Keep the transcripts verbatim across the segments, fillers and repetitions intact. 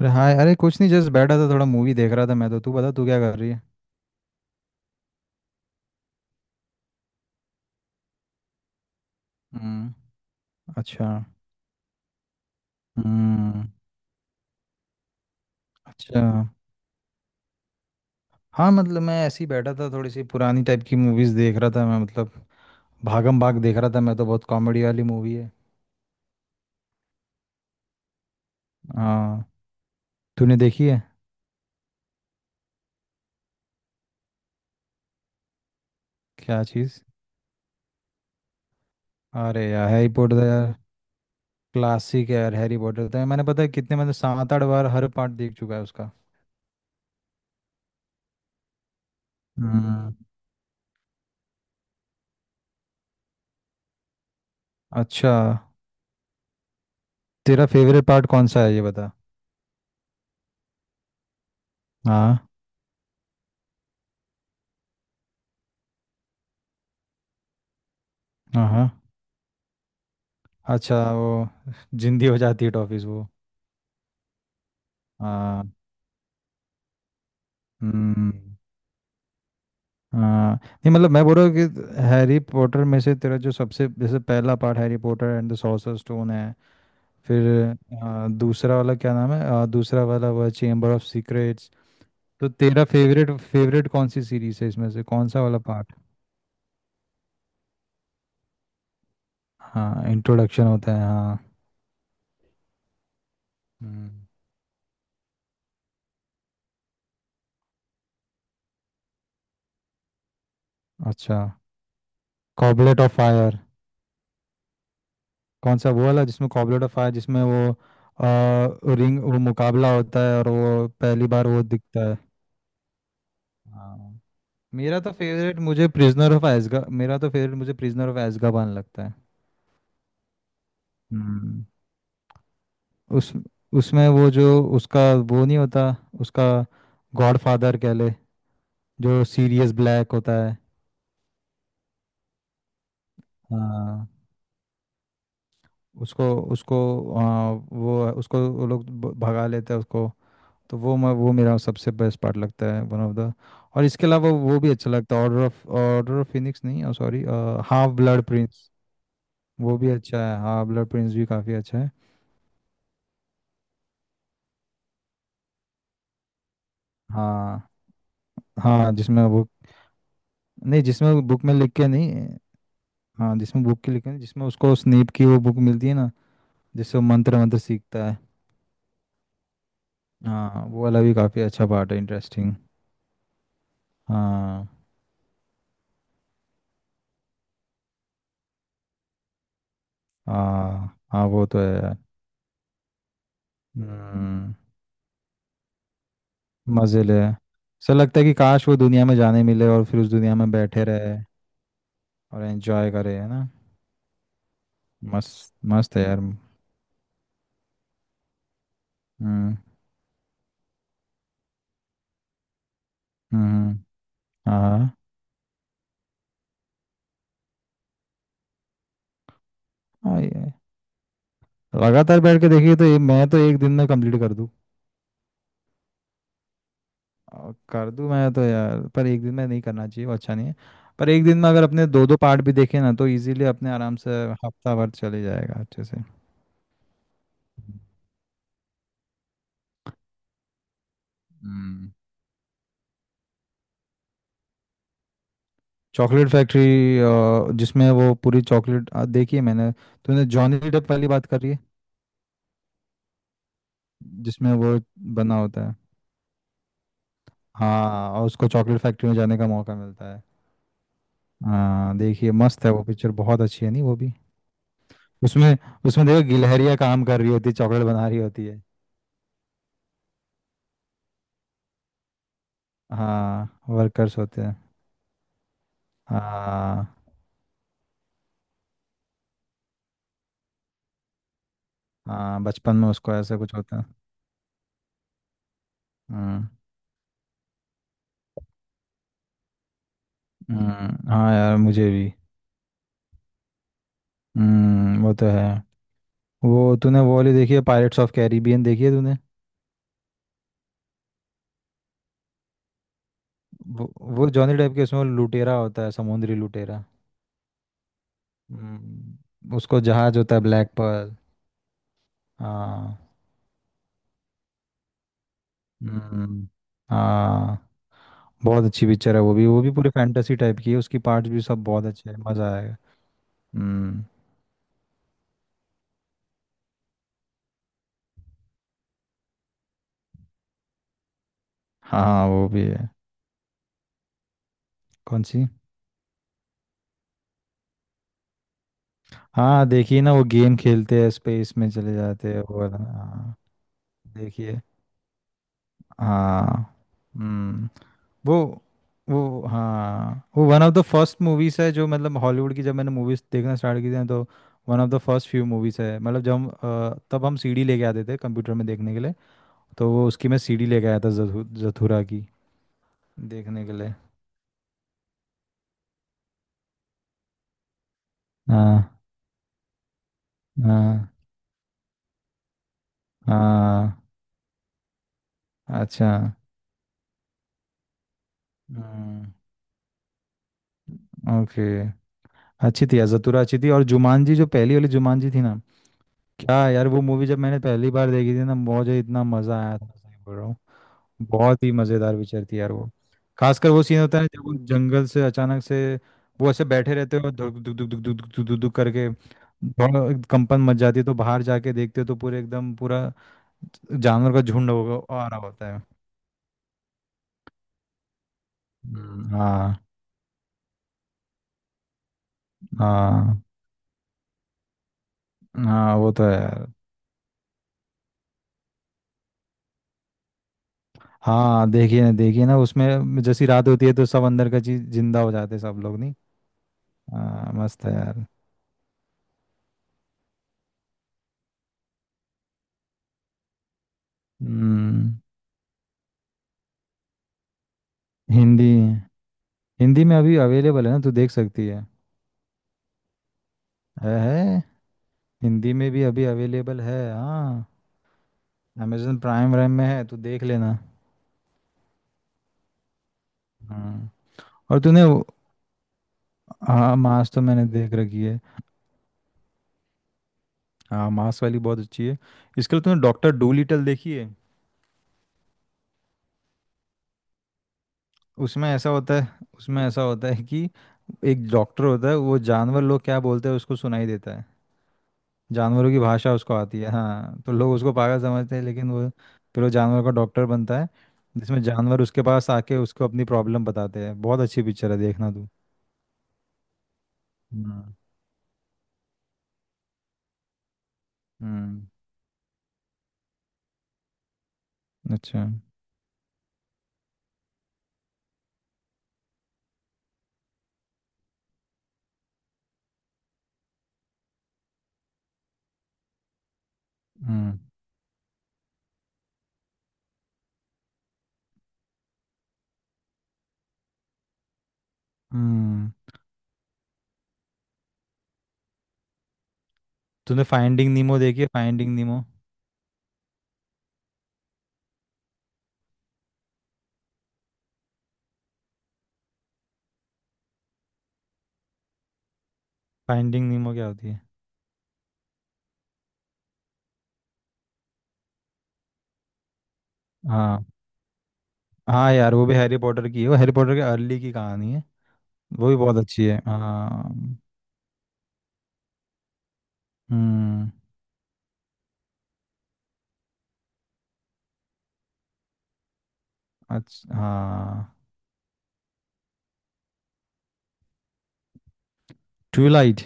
अरे हाँ। अरे कुछ नहीं, जस्ट बैठा था, थोड़ा मूवी देख रहा था मैं तो। तू बता, तू क्या कर रही है। हम्म। अच्छा। हम्म। अच्छा। हाँ मतलब मैं ऐसे ही बैठा था, थोड़ी सी पुरानी टाइप की मूवीज़ देख रहा था मैं, मतलब भागम भाग देख रहा था मैं तो। बहुत कॉमेडी वाली मूवी है। हाँ। तूने देखी है? क्या चीज़? अरे यार हैरी पॉटर तो यार क्लासिक है। यार हैरी पॉटर तो मैंने पता है कितने मतलब सात आठ बार हर पार्ट देख चुका है उसका। हम्म। अच्छा। तेरा फेवरेट पार्ट कौन सा है ये बता। हाँ हाँ हाँ। अच्छा वो जिंदी हो जाती है टॉफीज वो। हाँ। हम्म। हाँ नहीं मतलब मैं बोल रहा हूँ कि हैरी पॉटर में से तेरा जो सबसे जैसे पहला part Harry Potter and the sorcerer stone है। फिर आ, दूसरा वाला क्या नाम है, आ, दूसरा वाला वो चेम्बर ऑफ सीक्रेट्स। तो तेरा फेवरेट फेवरेट कौन सी सीरीज है इसमें से, कौन सा वाला पार्ट? हाँ इंट्रोडक्शन होता है हाँ। हम्म। अच्छा। Goblet of fire. कौन सा वो वाला जिसमें कॉबलेट ऑफ फायर जिसमें वो आ, रिंग, वो मुकाबला होता है और वो पहली बार वो दिखता है। हाँ। मेरा तो फेवरेट मुझे प्रिजनर ऑफ एज़्काबान, मेरा तो फेवरेट मुझे प्रिजनर ऑफ एज़्काबान लगता है। हम्म। उस, उसमें वो जो उसका, वो नहीं होता उसका गॉडफादर कह ले, जो सीरियस ब्लैक होता है। हाँ। उसको, उसको आ, वो उसको वो लोग ब- भगा लेते हैं उसको। तो वो मैं वो मेरा सबसे बेस्ट पार्ट लगता है, वन ऑफ द। और इसके अलावा वो भी अच्छा लगता है, order of, order of Phoenix, नहीं सॉरी, हाफ ब्लड प्रिंस। वो भी अच्छा है, हाफ ब्लड प्रिंस भी काफ़ी अच्छा है। हाँ। हाँ जिसमें वो। नहीं जिसमें बुक में लिख के नहीं। हाँ जिसमें बुक के लिखे नहीं, जिसमें उसको स्नेप की वो बुक मिलती है ना, जिससे वो मंत्र मंत्र सीखता है। हाँ वो वाला भी काफ़ी अच्छा पार्ट है, इंटरेस्टिंग। हाँ हाँ। हाँ वो तो है यार। हम्म। मजे ले, सर लगता है कि काश वो दुनिया में जाने मिले और फिर उस दुनिया में बैठे रहे और एंजॉय करे, है ना? मस्त मस्त है यार। हम्म। हम्म। हाँ हाँ। हाँ, ये लगातार बैठ के देखिए तो ये मैं तो एक दिन में कंप्लीट कर दूँ। अ, कर दूँ मैं तो यार, पर एक दिन में नहीं करना चाहिए, वो अच्छा नहीं है। पर एक दिन में अगर अपने दो दो पार्ट भी देखे ना तो इजीली, अपने आराम से हफ्ता भर चले जाएगा अच्छे से। हम्म। Chocolate factory? जिसमें वो पूरी चॉकलेट देखिए मैंने। तूने जॉनी डेप वाली बात करी है? जिसमें वो बना होता है। हाँ, और उसको चॉकलेट फैक्ट्री में जाने का मौका मिलता है। हाँ देखिए मस्त है वो पिक्चर, बहुत अच्छी है, नहीं वो भी। उसमें, उसमें देखो गिलहरियाँ काम कर रही होती है, चॉकलेट बना रही होती है। हाँ वर्कर्स होते हैं। हाँ हाँ, बचपन में उसको ऐसा कुछ होता है। हम्म। हम्म, हाँ यार मुझे भी। हम्म वो तो है। वो तूने वो वाली देखी है, पायरेट्स ऑफ कैरिबियन देखी है तूने? वो वो जॉनी डेप के, उसमें वो लुटेरा होता है, समुद्री लुटेरा। हम्म, उसको जहाज होता है ब्लैक पर्ल। हाँ। हम्म। हाँ। बहुत अच्छी पिक्चर है वो भी, वो भी पूरी फैंटेसी टाइप की है, उसकी पार्ट्स भी सब बहुत अच्छे हैं, मज़ा आएगा। हम्म। हाँ वो भी है। कौन सी? हाँ देखिए ना, वो गेम खेलते हैं, स्पेस में चले जाते हैं वो वाला, हाँ। देखिए। हाँ। हम्म। वो। वो हाँ वो one of the first movies है जो मतलब हॉलीवुड की, जब मैंने मूवीज देखना स्टार्ट की थी ना, तो one of the first few movies है, मतलब जब हम अ, तब हम सीडी लेके आते थे कंप्यूटर में देखने के लिए। तो वो उसकी मैं सीडी लेके आया था, जथु, जथुरा की देखने के लिए। हाँ हाँ हाँ। अच्छा। हम्म। ओके। अच्छी थी यार जतुरा, अच्छी थी। और जुमानजी, जो पहली वाली जुमानजी थी ना, क्या यार वो मूवी जब मैंने पहली बार देखी थी ना, मुझे इतना मजा आया था, सही बोल रहा हूँ। बहुत ही मजेदार पिक्चर थी यार वो। खासकर वो सीन होता है ना जब वो जंगल से अचानक से वो ऐसे बैठे रहते हो, धुक धुक धुक धुक धुक धुक धुक धुक करके, थोड़ा कंपन मच जाती है, तो बाहर जाके देखते हो तो पूरे एकदम पूरा जानवर का झुंड होगा आ रहा होता है। हम्म, हाँ। हाँ हाँ, वो तो है यार। हाँ देखिए ना, देखिए ना उसमें जैसी रात होती है तो सब अंदर का चीज जिंदा हो जाते हैं सब लोग नहीं। हाँ मस्त है यार। हम्म। हिंदी। हिंदी में अभी अवेलेबल है ना, तू देख सकती है। है है हिंदी में भी अभी अवेलेबल है हाँ। अमेजन प्राइम वाइम में है, तू देख लेना। हाँ। और तूने वो-। हाँ मास तो मैंने देख रखी है। हाँ मास वाली बहुत अच्छी है। इसके लिए तूने डॉक्टर डू लिटल देखी है? उसमें ऐसा होता है, उसमें ऐसा होता है कि एक डॉक्टर होता है, वो जानवर लोग क्या बोलते हैं उसको सुनाई देता है, जानवरों की भाषा उसको आती है। हाँ तो लोग उसको पागल समझते हैं लेकिन वो फिर वो जानवर का डॉक्टर बनता है, जिसमें जानवर उसके पास आके उसको अपनी प्रॉब्लम बताते हैं। बहुत अच्छी पिक्चर है, देखना तू। हम्म। हम्म, अच्छा। हम्म। हम्म। तूने फाइंडिंग नीमो देखी है, फाइंडिंग नीमो? फाइंडिंग नीमो क्या होती है? हाँ हाँ यार वो भी हैरी पॉटर की है, वो हैरी पॉटर के अर्ली की कहानी है। वो भी बहुत अच्छी है हाँ। हम्म। अच्छा हाँ। ट्यूबलाइट?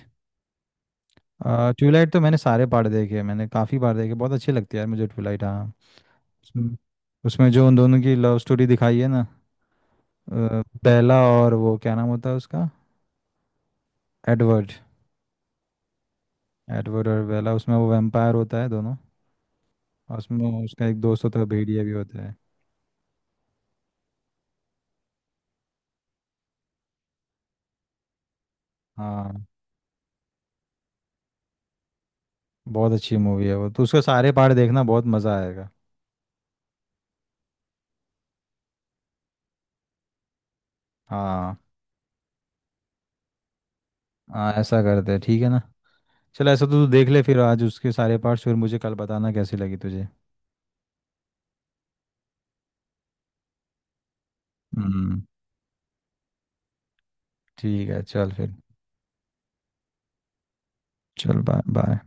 आ, ट्यूबलाइट तो मैंने सारे पार्ट देखे हैं, मैंने काफ़ी बार देखे, बहुत अच्छी लगती है यार मुझे ट्यूबलाइट हाँ। उसमें, उसमें जो उन दोनों की लव स्टोरी दिखाई है ना, अ, बेला, और वो क्या नाम होता है उसका? एडवर्ड। एडवर्ड और बेला, उसमें वो वैम्पायर होता है दोनों। और उसमें उसका एक दोस्त होता है, भेड़िया भी होता है। हाँ। बहुत अच्छी मूवी है वो तो, उसका सारे पार्ट देखना, बहुत मज़ा आएगा। हाँ। हाँ ऐसा करते हैं, ठीक है ना? चल ऐसा तो तू देख ले फिर आज उसके सारे पार्ट्स, फिर मुझे कल बताना कैसी लगी तुझे। हम्म। ठीक है चल फिर। चल बाय बाय।